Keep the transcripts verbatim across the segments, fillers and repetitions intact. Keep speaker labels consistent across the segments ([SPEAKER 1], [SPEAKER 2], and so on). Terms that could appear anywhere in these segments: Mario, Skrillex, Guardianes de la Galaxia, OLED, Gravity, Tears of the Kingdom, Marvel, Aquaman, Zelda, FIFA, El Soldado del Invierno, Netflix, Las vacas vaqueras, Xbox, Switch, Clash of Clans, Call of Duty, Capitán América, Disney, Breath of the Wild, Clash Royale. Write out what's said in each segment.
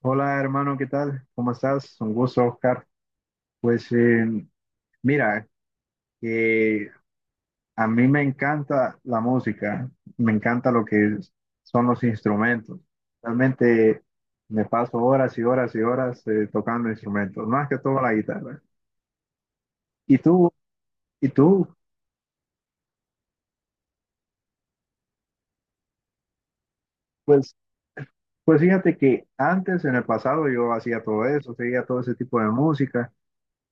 [SPEAKER 1] Hola hermano, ¿qué tal? ¿Cómo estás? Un gusto, Oscar. Pues eh, mira, eh, a mí me encanta la música, me encanta lo que es- son los instrumentos. Realmente me paso horas y horas y horas eh, tocando instrumentos, más que todo la guitarra. ¿Y tú? ¿Y tú? Pues, pues fíjate que antes, en el pasado, yo hacía todo eso, seguía todo ese tipo de música.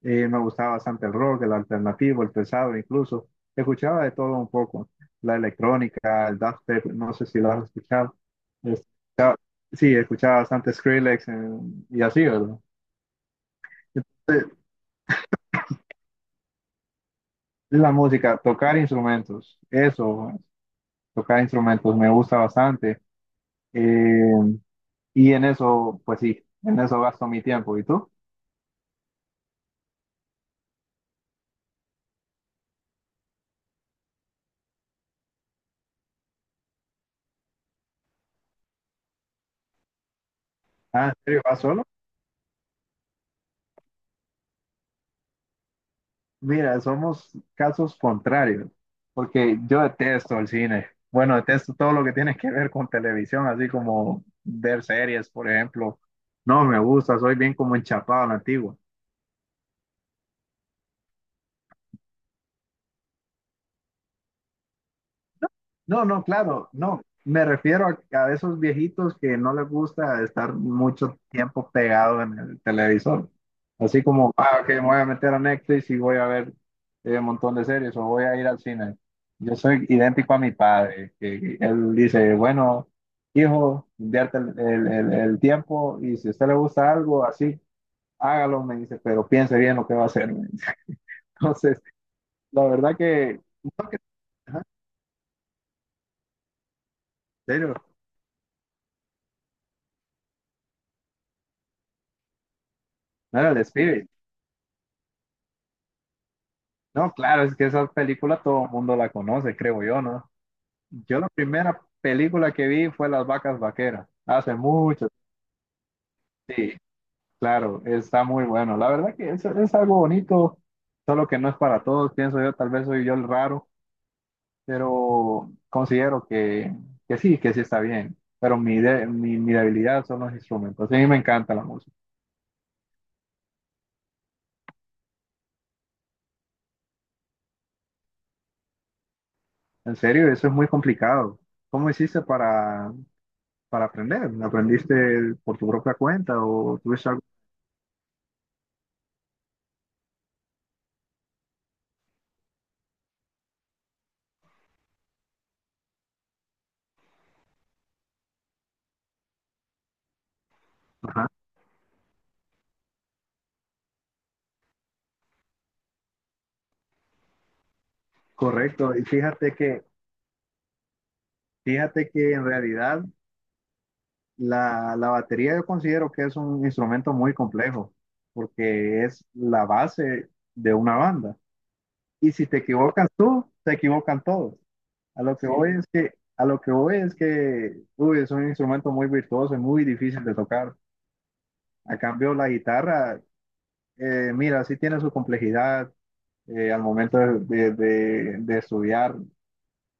[SPEAKER 1] Eh, me gustaba bastante el rock, el alternativo, el pesado incluso. Escuchaba de todo un poco. La electrónica, el dubstep, no sé si lo has escuchado. Escuchaba- sí, escuchaba bastante Skrillex, eh, y así, ¿verdad? Entonces, la música, tocar instrumentos, eso, tocar instrumentos me gusta bastante. Eh, y en eso, pues sí, en eso gasto mi tiempo. ¿Y tú? Ah, ¿en serio? ¿Vas solo? Mira, somos casos contrarios, porque yo detesto el cine. Bueno, detesto todo lo que tiene que ver con televisión, así como ver series, por ejemplo. No me gusta, soy bien como enchapado a la antigua. No, no, claro, no. Me refiero a, a esos viejitos que no les gusta estar mucho tiempo pegado en el televisor. Así como, ah, ok, me voy a meter a Netflix y voy a ver eh, un montón de series o voy a ir al cine. Yo soy idéntico a mi padre, que él dice, bueno, hijo, invierte el, el- el- el tiempo y si a usted le gusta algo, así, hágalo, me dice, pero piense bien lo que va a hacer, me dice. Entonces, la verdad que, no que- ajá, en serio, no era el espíritu. No, claro, es que esa película todo el mundo la conoce, creo yo, ¿no? Yo la primera película que vi fue Las vacas vaqueras, hace mucho. Sí, claro, está muy bueno. La verdad que es, es algo bonito, solo que no es para todos, pienso yo, tal vez soy yo el raro, pero considero que, que sí, que sí está bien. Pero mi, de- mi, mi debilidad son los instrumentos. A mí me encanta la música. En serio, eso es muy complicado. ¿Cómo hiciste para, para aprender? ¿Aprendiste por tu propia cuenta o tuviste algo? Correcto, y fíjate que, fíjate que en realidad la, la batería yo considero que es un instrumento muy complejo, porque es la base de una banda. Y si te equivocas tú, te equivocan todos. A lo que, sí, voy, sí, es que, a lo que voy es que, uy, es un instrumento muy virtuoso y muy difícil de tocar. A cambio, la guitarra, eh, mira, sí tiene su complejidad, eh, al momento de, de- de- de estudiar,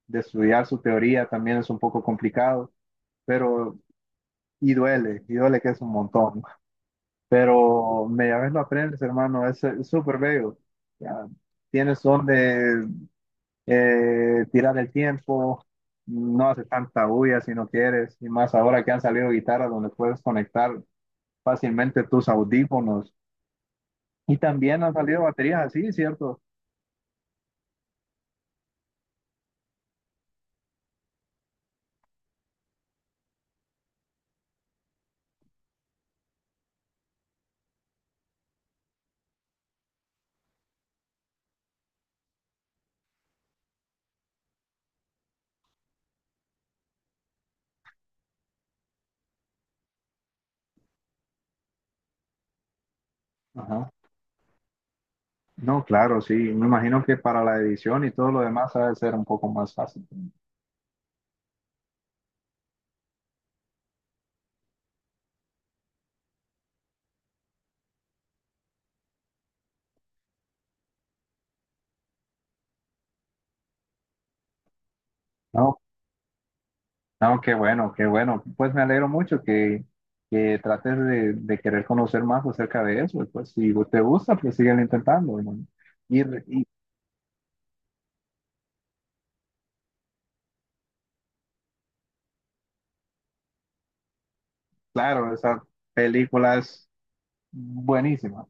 [SPEAKER 1] de estudiar su teoría también es un poco complicado, pero y duele, y duele que es un montón. Pero media vez lo aprendes, hermano, es eh, súper bello. Ya, tienes donde eh, tirar el tiempo, no hace tanta bulla si no quieres, y más ahora que han salido guitarras donde puedes conectar fácilmente tus audífonos. Y también han salido baterías así, ¿cierto? Ajá. No, claro, sí. Me imagino que para la edición y todo lo demás ha de ser un poco más fácil. No, no, qué bueno, qué bueno. Pues me alegro mucho que, que trates de, de querer conocer más acerca de eso. Y pues si te gusta, pues síguelo intentando, hermano. Y, re- y claro, esa película es buenísima.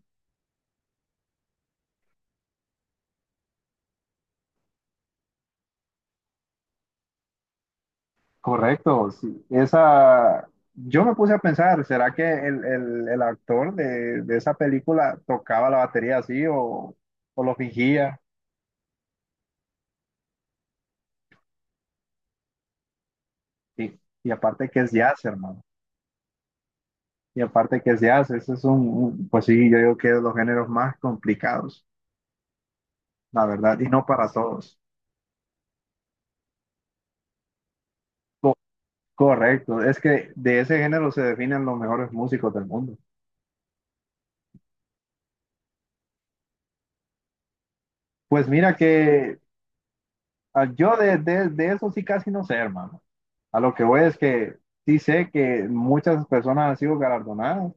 [SPEAKER 1] Correcto, sí. Esa, yo me puse a pensar, ¿será que el, el, el actor de, de esa película tocaba la batería así o, o lo fingía? Y, y aparte que es jazz, hermano. Y aparte que es jazz, ese es un, un- pues sí, yo digo que es de los géneros más complicados. La verdad, y no para todos. Co- correcto, es que de ese género se definen los mejores músicos del mundo. Pues mira que ah, yo de, de, de eso sí casi no sé, hermano. A lo que voy es que sí sé que muchas personas han sido galardonadas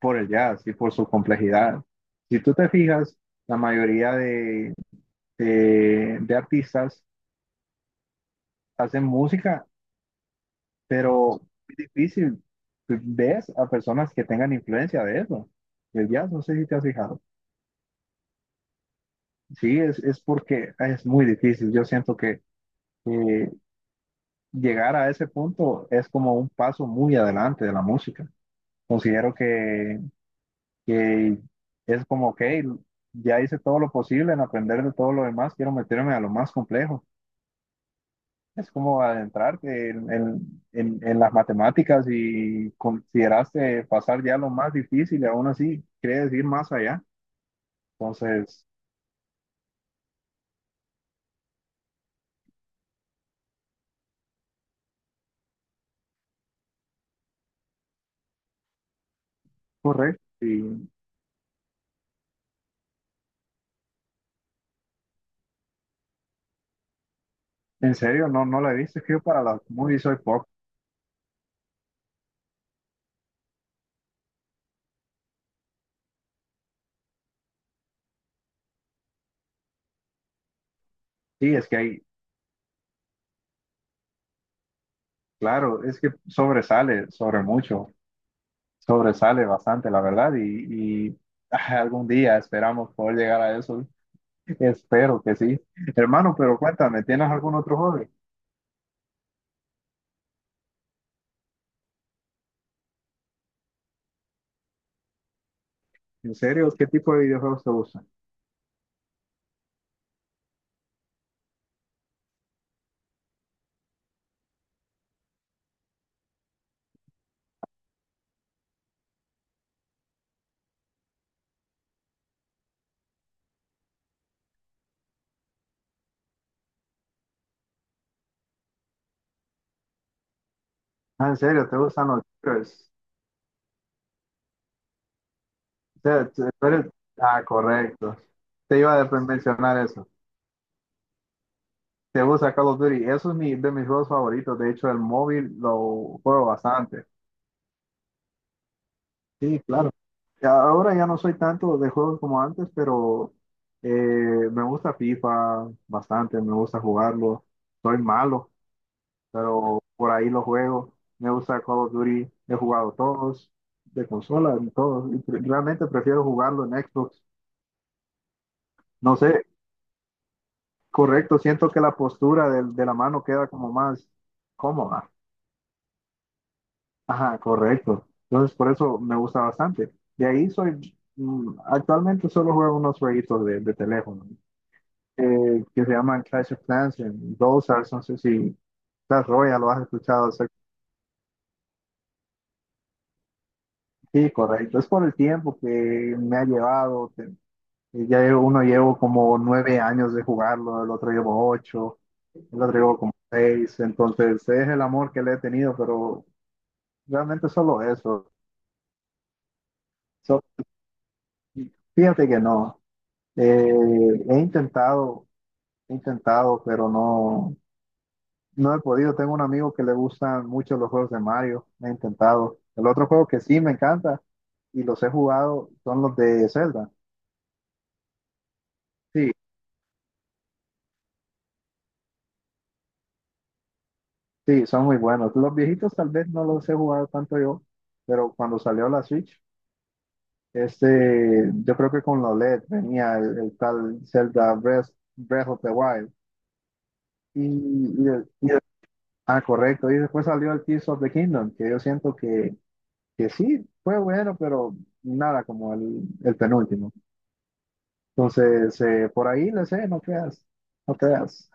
[SPEAKER 1] por el jazz y por su complejidad. Si tú te fijas, la mayoría de, de, de artistas hacen música, pero es difícil. Pues, ves a personas que tengan influencia de eso, del jazz, no sé si te has fijado. Sí, es, es porque es muy difícil. Yo siento que eh, llegar a ese punto es como un paso muy adelante de la música. Considero que, que es como, ok, ya hice todo lo posible en aprender de todo lo demás, quiero meterme a lo más complejo. Es como adentrarte en, en, en- en las matemáticas y consideraste pasar ya lo más difícil y aún así quieres ir más allá. Entonces, correcto. Y en serio, no, no la he visto. Es que yo para las movies soy poco. Sí, es que hay, claro, es que sobresale, sobre mucho, sobresale bastante, la verdad, y, y, ah, algún día esperamos poder llegar a eso, espero que sí. Hermano, pero cuéntame, ¿tienes algún otro hobby? ¿En serio? ¿Qué tipo de videojuegos te gustan? Ah, ¿en serio? ¿Te gustan los shooters? O sea, te- tú eres- Ah, correcto. Te iba a de- mencionar eso. Te gusta Call of Duty. Eso es mi, de mis juegos favoritos. De hecho, el móvil lo juego bastante. Sí, claro. Ya Ahora ya no soy tanto de juegos como antes, pero eh, me gusta FIFA bastante, me gusta jugarlo. Soy malo, pero por ahí lo juego. Me gusta Call of Duty, he jugado todos, de consola, en todos. Y pre- realmente prefiero jugarlo en Xbox. No sé, correcto, siento que la postura del- de, la mano queda como más cómoda. Ajá, correcto. Entonces, por eso me gusta bastante. De ahí soy, mm, actualmente solo juego unos jueguitos de, de teléfono, eh, que se llaman Clash of Clans, en Dosas, no sé si Clash Royale lo has escuchado. O Sí, correcto. Es por el tiempo que me ha llevado. Te- eh, ya llevo- uno llevo como nueve años de jugarlo, el otro llevo ocho, el otro llevo como seis. Entonces, es el amor que le he tenido, pero realmente solo eso. So- Fíjate que no. Eh, he intentado, he intentado, pero no, no he podido. Tengo un amigo que le gustan mucho los juegos de Mario. He intentado. El otro juego que sí me encanta y los he jugado son los de Zelda. Sí, sí, son muy buenos. Los viejitos tal vez no los he jugado tanto yo, pero cuando salió la Switch, este, yo creo que con la OLED venía el, el tal Zelda Breath, Breath of the Wild. Y, y el- y el- ah, Correcto. Y después salió el Tears of the Kingdom, que yo siento que que sí, fue bueno, pero nada como el, el penúltimo. Entonces, eh, por ahí le sé, no creas, no creas.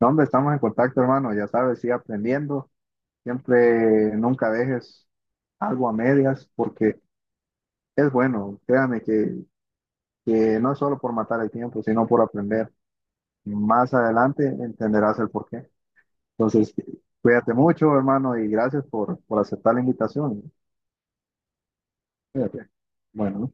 [SPEAKER 1] No, hombre, estamos en contacto, hermano, ya sabes, sigue aprendiendo, siempre, nunca dejes algo a medias, porque es bueno, créame que, que no es solo por matar el tiempo, sino por aprender. Más adelante entenderás el porqué. Entonces, cuídate mucho, hermano, y gracias por, por aceptar la invitación. Cuídate. Bueno.